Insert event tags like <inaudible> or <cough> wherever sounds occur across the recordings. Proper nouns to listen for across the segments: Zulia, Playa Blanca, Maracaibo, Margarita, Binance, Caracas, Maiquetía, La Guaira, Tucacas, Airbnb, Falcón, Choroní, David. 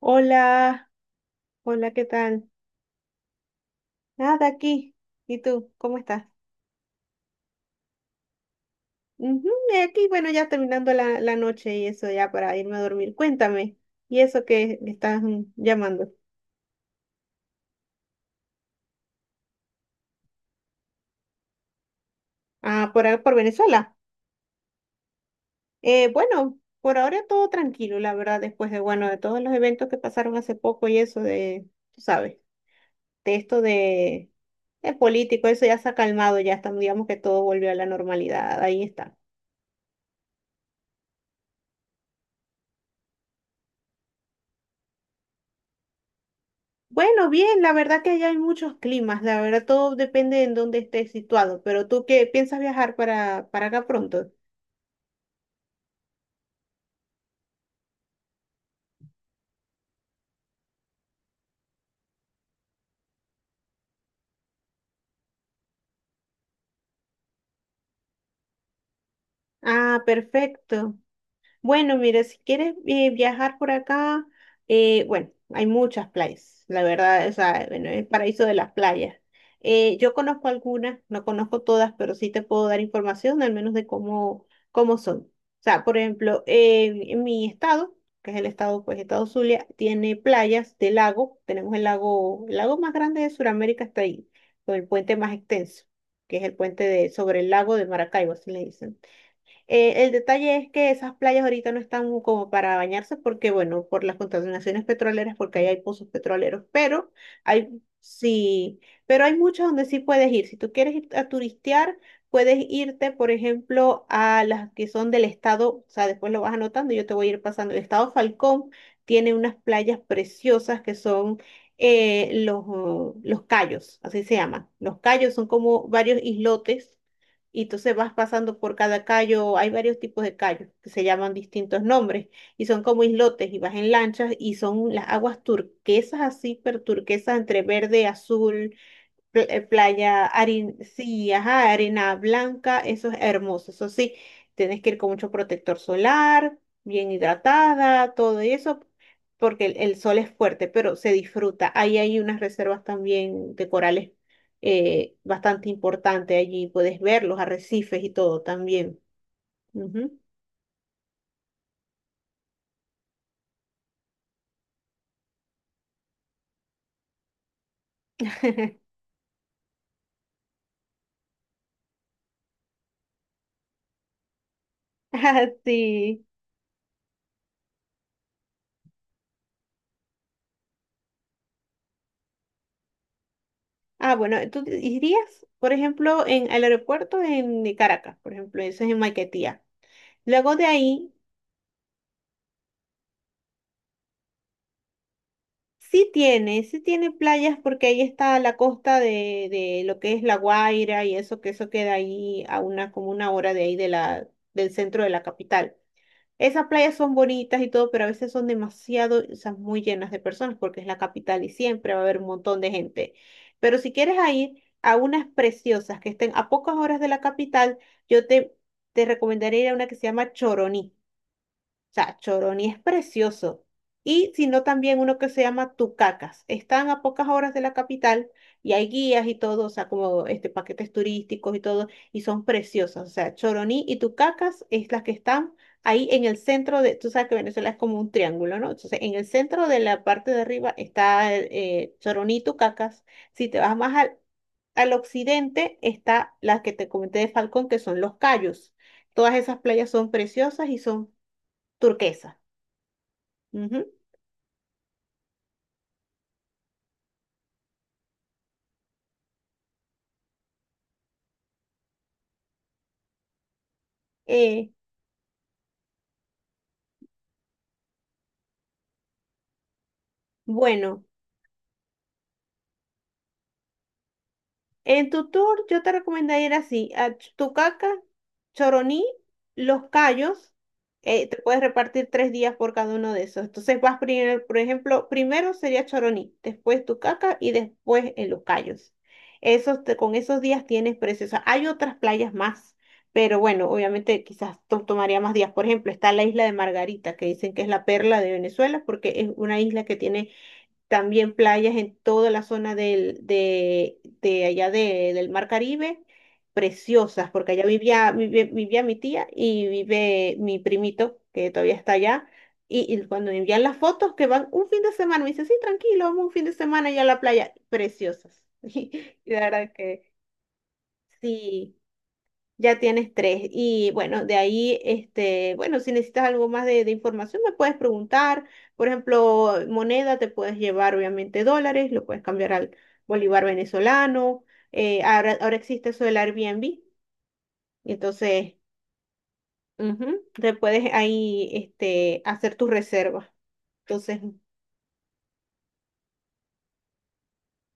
Hola, hola, ¿qué tal? Nada, aquí. ¿Y tú? ¿Cómo estás? Ujú, aquí, bueno, ya terminando la noche y eso ya para irme a dormir. Cuéntame, ¿y eso que estás llamando? Ah, por, por Venezuela. Bueno, por ahora todo tranquilo, la verdad, después de, bueno, de todos los eventos que pasaron hace poco y eso de, tú sabes, de esto de, de político, eso ya se ha calmado, ya estamos, digamos que todo volvió a la normalidad, ahí está. Bueno, bien, la verdad que allá hay muchos climas, la verdad todo depende de en dónde estés situado, pero tú qué piensas viajar para acá pronto. Ah, perfecto. Bueno, mira, si quieres viajar por acá, bueno, hay muchas playas, la verdad, o sea, bueno, es el paraíso de las playas. Yo conozco algunas, no conozco todas, pero sí te puedo dar información al menos de cómo son. O sea, por ejemplo, en mi estado, que es el estado, pues, estado Zulia, tiene playas de lago, tenemos el lago más grande de Sudamérica está ahí, con el puente más extenso, que es el puente de, sobre el lago de Maracaibo, así le dicen. El detalle es que esas playas ahorita no están como para bañarse porque, bueno, por las contaminaciones petroleras, porque ahí hay pozos petroleros, pero hay, sí, pero hay muchas donde sí puedes ir. Si tú quieres ir a turistear, puedes irte, por ejemplo, a las que son del estado, o sea, después lo vas anotando, yo te voy a ir pasando. El estado Falcón tiene unas playas preciosas que son los cayos, así se llaman. Los cayos son como varios islotes y entonces vas pasando por cada callo, hay varios tipos de callos que se llaman distintos nombres y son como islotes y vas en lanchas y son las aguas turquesas así, pero turquesas entre verde, azul, playa, harina, sí, ajá, arena blanca, eso es hermoso, eso sí, tienes que ir con mucho protector solar, bien hidratada, todo eso, porque el sol es fuerte, pero se disfruta. Ahí hay unas reservas también de corales bastante importantes, allí puedes ver los arrecifes y todo también. Ujú. <laughs> Ah, sí. Ah, bueno, ¿tú irías, por ejemplo, en el aeropuerto en de Caracas, por ejemplo, eso es en Maiquetía. Luego de ahí sí tiene, sí tiene playas porque ahí está la costa de lo que es La Guaira y eso, que eso queda ahí a una, como una hora de ahí de la, del centro de la capital. Esas playas son bonitas y todo, pero a veces son demasiado, o sea, muy llenas de personas porque es la capital y siempre va a haber un montón de gente. Pero si quieres a ir a unas preciosas que estén a pocas horas de la capital, yo te, te recomendaría ir a una que se llama Choroní. O sea, Choroní es precioso. Y sino también uno que se llama Tucacas. Están a pocas horas de la capital y hay guías y todo, o sea, como este, paquetes turísticos y todo, y son preciosas. O sea, Choroní y Tucacas es las que están ahí en el centro de, tú sabes que Venezuela es como un triángulo, ¿no? Entonces, en el centro de la parte de arriba está Choroní y Tucacas. Si te vas más al occidente está la que te comenté de Falcón, que son los Cayos. Todas esas playas son preciosas y son turquesa. Ujú. Eh, bueno, en tu tour yo te recomendaría ir así, a Tucaca, Choroní, Los Cayos, te puedes repartir tres días por cada uno de esos. Entonces vas primero, por ejemplo, primero sería Choroní, después Tucaca y después en Los Cayos. Esos, con esos días tienes precios. Hay otras playas más, pero bueno, obviamente quizás tomaría más días. Por ejemplo, está la isla de Margarita, que dicen que es la perla de Venezuela porque es una isla que tiene también playas en toda la zona del, de allá del Mar Caribe, preciosas, porque allá vivía, mi tía y vive mi primito, que todavía está allá. Y cuando me envían las fotos, que van un fin de semana, me dice, sí, tranquilo, vamos un fin de semana allá a la playa, preciosas. <laughs> Y la verdad que sí. Ya tienes tres. Y bueno, de ahí, este, bueno, si necesitas algo más de información, me puedes preguntar. Por ejemplo, moneda, te puedes llevar obviamente dólares, lo puedes cambiar al bolívar venezolano. Ahora existe eso del Airbnb. Entonces, ujú, te puedes ahí, este, hacer tus reservas. Entonces,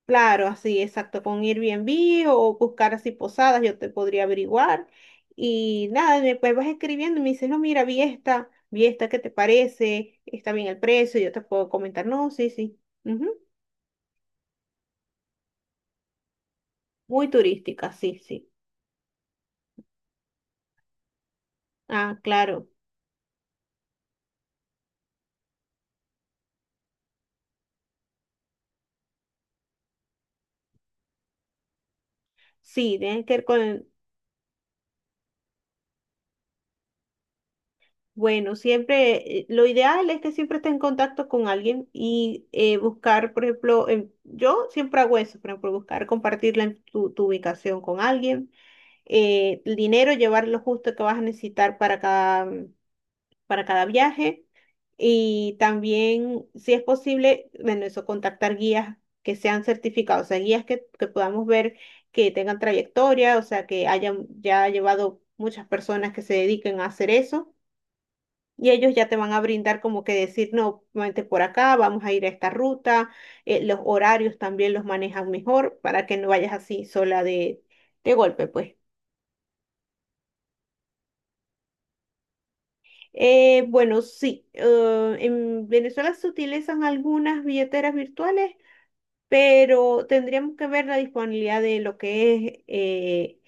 claro, así, exacto, con Airbnb o buscar así posadas, yo te podría averiguar. Y nada, después vas escribiendo y me dices, no, mira, vi esta, ¿qué te parece? Está bien el precio, yo te puedo comentar, no, sí, sí. Ujú, muy turística, sí, sí. Ah, claro, sí, tiene que ver con, bueno, siempre, lo ideal es que siempre estés en contacto con alguien y buscar, por ejemplo, yo siempre hago eso, por ejemplo, buscar compartir tu ubicación con alguien, el dinero, llevar lo justo que vas a necesitar para cada viaje. Y también, si es posible, bueno, eso, contactar guías que sean certificados, o sea, guías que podamos ver que tengan trayectoria, o sea, que hayan ya llevado muchas personas que se dediquen a hacer eso. Y ellos ya te van a brindar como que decir, no, vente por acá, vamos a ir a esta ruta. Los horarios también los manejan mejor para que no vayas así sola de golpe, pues. Bueno, sí, en Venezuela se utilizan algunas billeteras virtuales, pero tendríamos que ver la disponibilidad de lo que es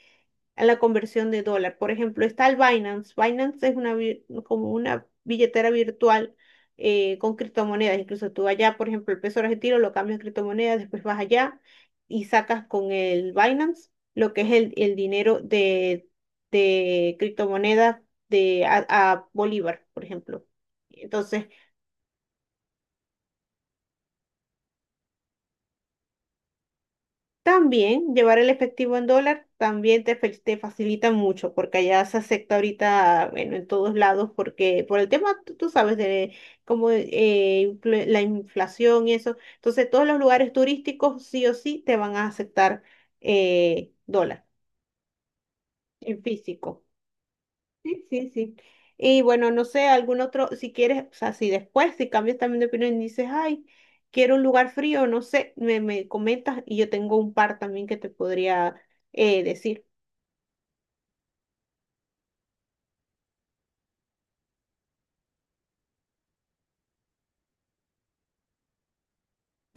la conversión de dólar. Por ejemplo, está el Binance. Binance es una, como una billetera virtual con criptomonedas. Incluso tú allá, por ejemplo, el peso argentino lo cambias a criptomonedas, después vas allá y sacas con el Binance lo que es el dinero de criptomonedas de, a Bolívar, por ejemplo. Entonces, también llevar el efectivo en dólar también te, te facilita mucho porque allá se acepta ahorita, bueno, en todos lados porque por el tema, tú sabes, de cómo la inflación y eso. Entonces, todos los lugares turísticos sí o sí te van a aceptar dólar en físico. Sí, sí, sí. Y bueno, no sé, algún otro, si quieres, o sea, si después, si cambias también de opinión y dices, ay, quiero un lugar frío, no sé, me comentas y yo tengo un par también que te podría decir.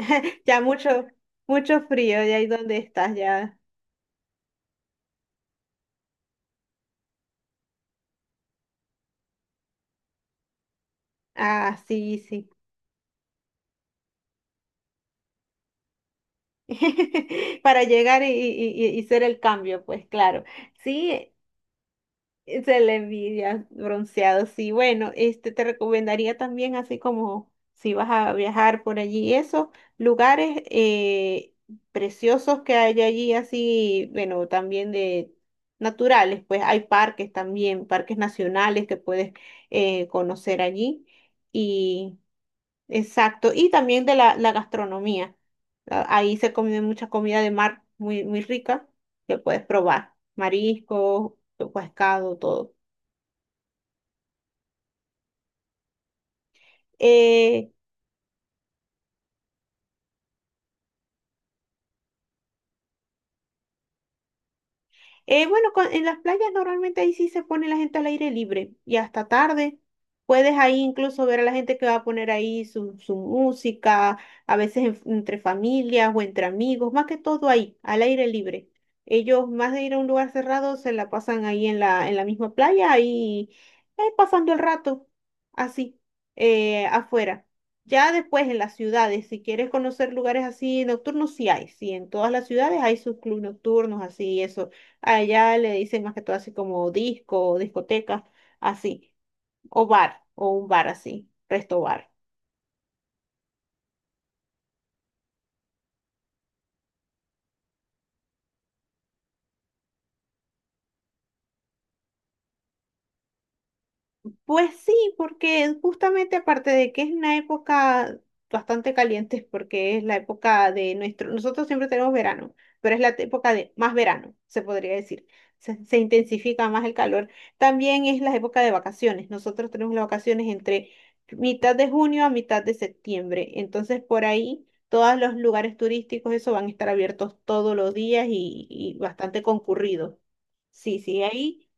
<laughs> Ya mucho, mucho frío, ya ahí donde estás, ya. Ah, sí, sí. <laughs> Para llegar y ser el cambio, pues claro. Sí, <laughs> se le envidia bronceado, sí. Bueno, este te recomendaría también, así como si vas a viajar por allí, esos lugares preciosos que hay allí, así, bueno, también de naturales, pues hay parques también, parques nacionales que puedes conocer allí. Y exacto, y también de la gastronomía. Ahí se come mucha comida de mar muy, muy rica que puedes probar, mariscos, pescado, todo. eh, bueno, en las playas normalmente ahí sí se pone la gente al aire libre y hasta tarde. Puedes ahí incluso ver a la gente que va a poner ahí su música, a veces entre familias o entre amigos, más que todo ahí, al aire libre. Ellos, más de ir a un lugar cerrado, se la pasan ahí en en la misma playa, ahí pasando el rato, así, afuera. Ya después en las ciudades, si quieres conocer lugares así nocturnos, sí hay, sí, en todas las ciudades hay sus clubes nocturnos, así, eso allá le dicen más que todo así como disco, o discoteca, así, o bar, o un bar así, resto bar. Pues sí, porque justamente aparte de que es una época bastante caliente, porque es la época de nuestro, nosotros siempre tenemos verano, pero es la época de más verano, se podría decir. Se intensifica más el calor. También es la época de vacaciones. Nosotros tenemos las vacaciones entre mitad de junio a mitad de septiembre. Entonces, por ahí, todos los lugares turísticos, eso van a estar abiertos todos los días y bastante concurridos. Sí, sí, ahí.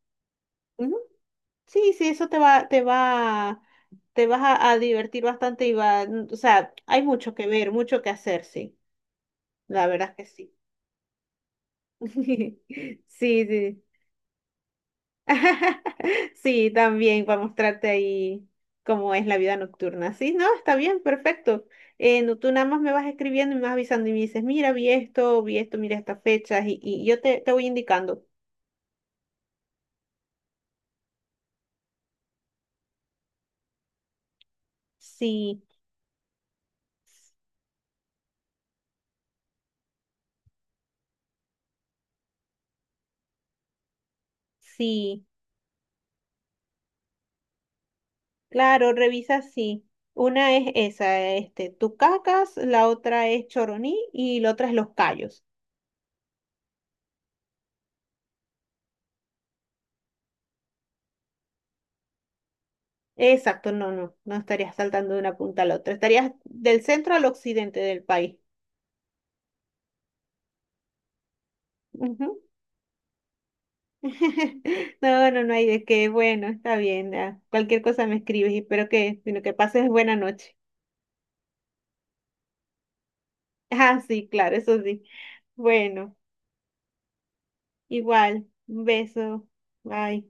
Sí, sí, eso te vas a divertir bastante y va, o sea, hay mucho que ver, mucho que hacer, sí, la verdad es que sí. <laughs> Sí, sí. <laughs> Sí, también para mostrarte ahí cómo es la vida nocturna. Sí, no, está bien, perfecto. No, tú nada más me vas escribiendo y me vas avisando y me dices, mira, vi esto, mira estas fechas y te voy indicando. Sí, sí. Claro, revisa sí. Una es esa, este, tú cacas, la otra es choroní y la otra es los callos. Exacto, no, no, no estarías saltando de una punta a la otra, estarías del centro al occidente del país. Ujú. <laughs> No, no, no hay de qué, bueno, está bien, ya. Cualquier cosa me escribes y espero que, sino que pases buena noche. <laughs> Ah, sí, claro, eso sí. Bueno, igual, un beso, bye.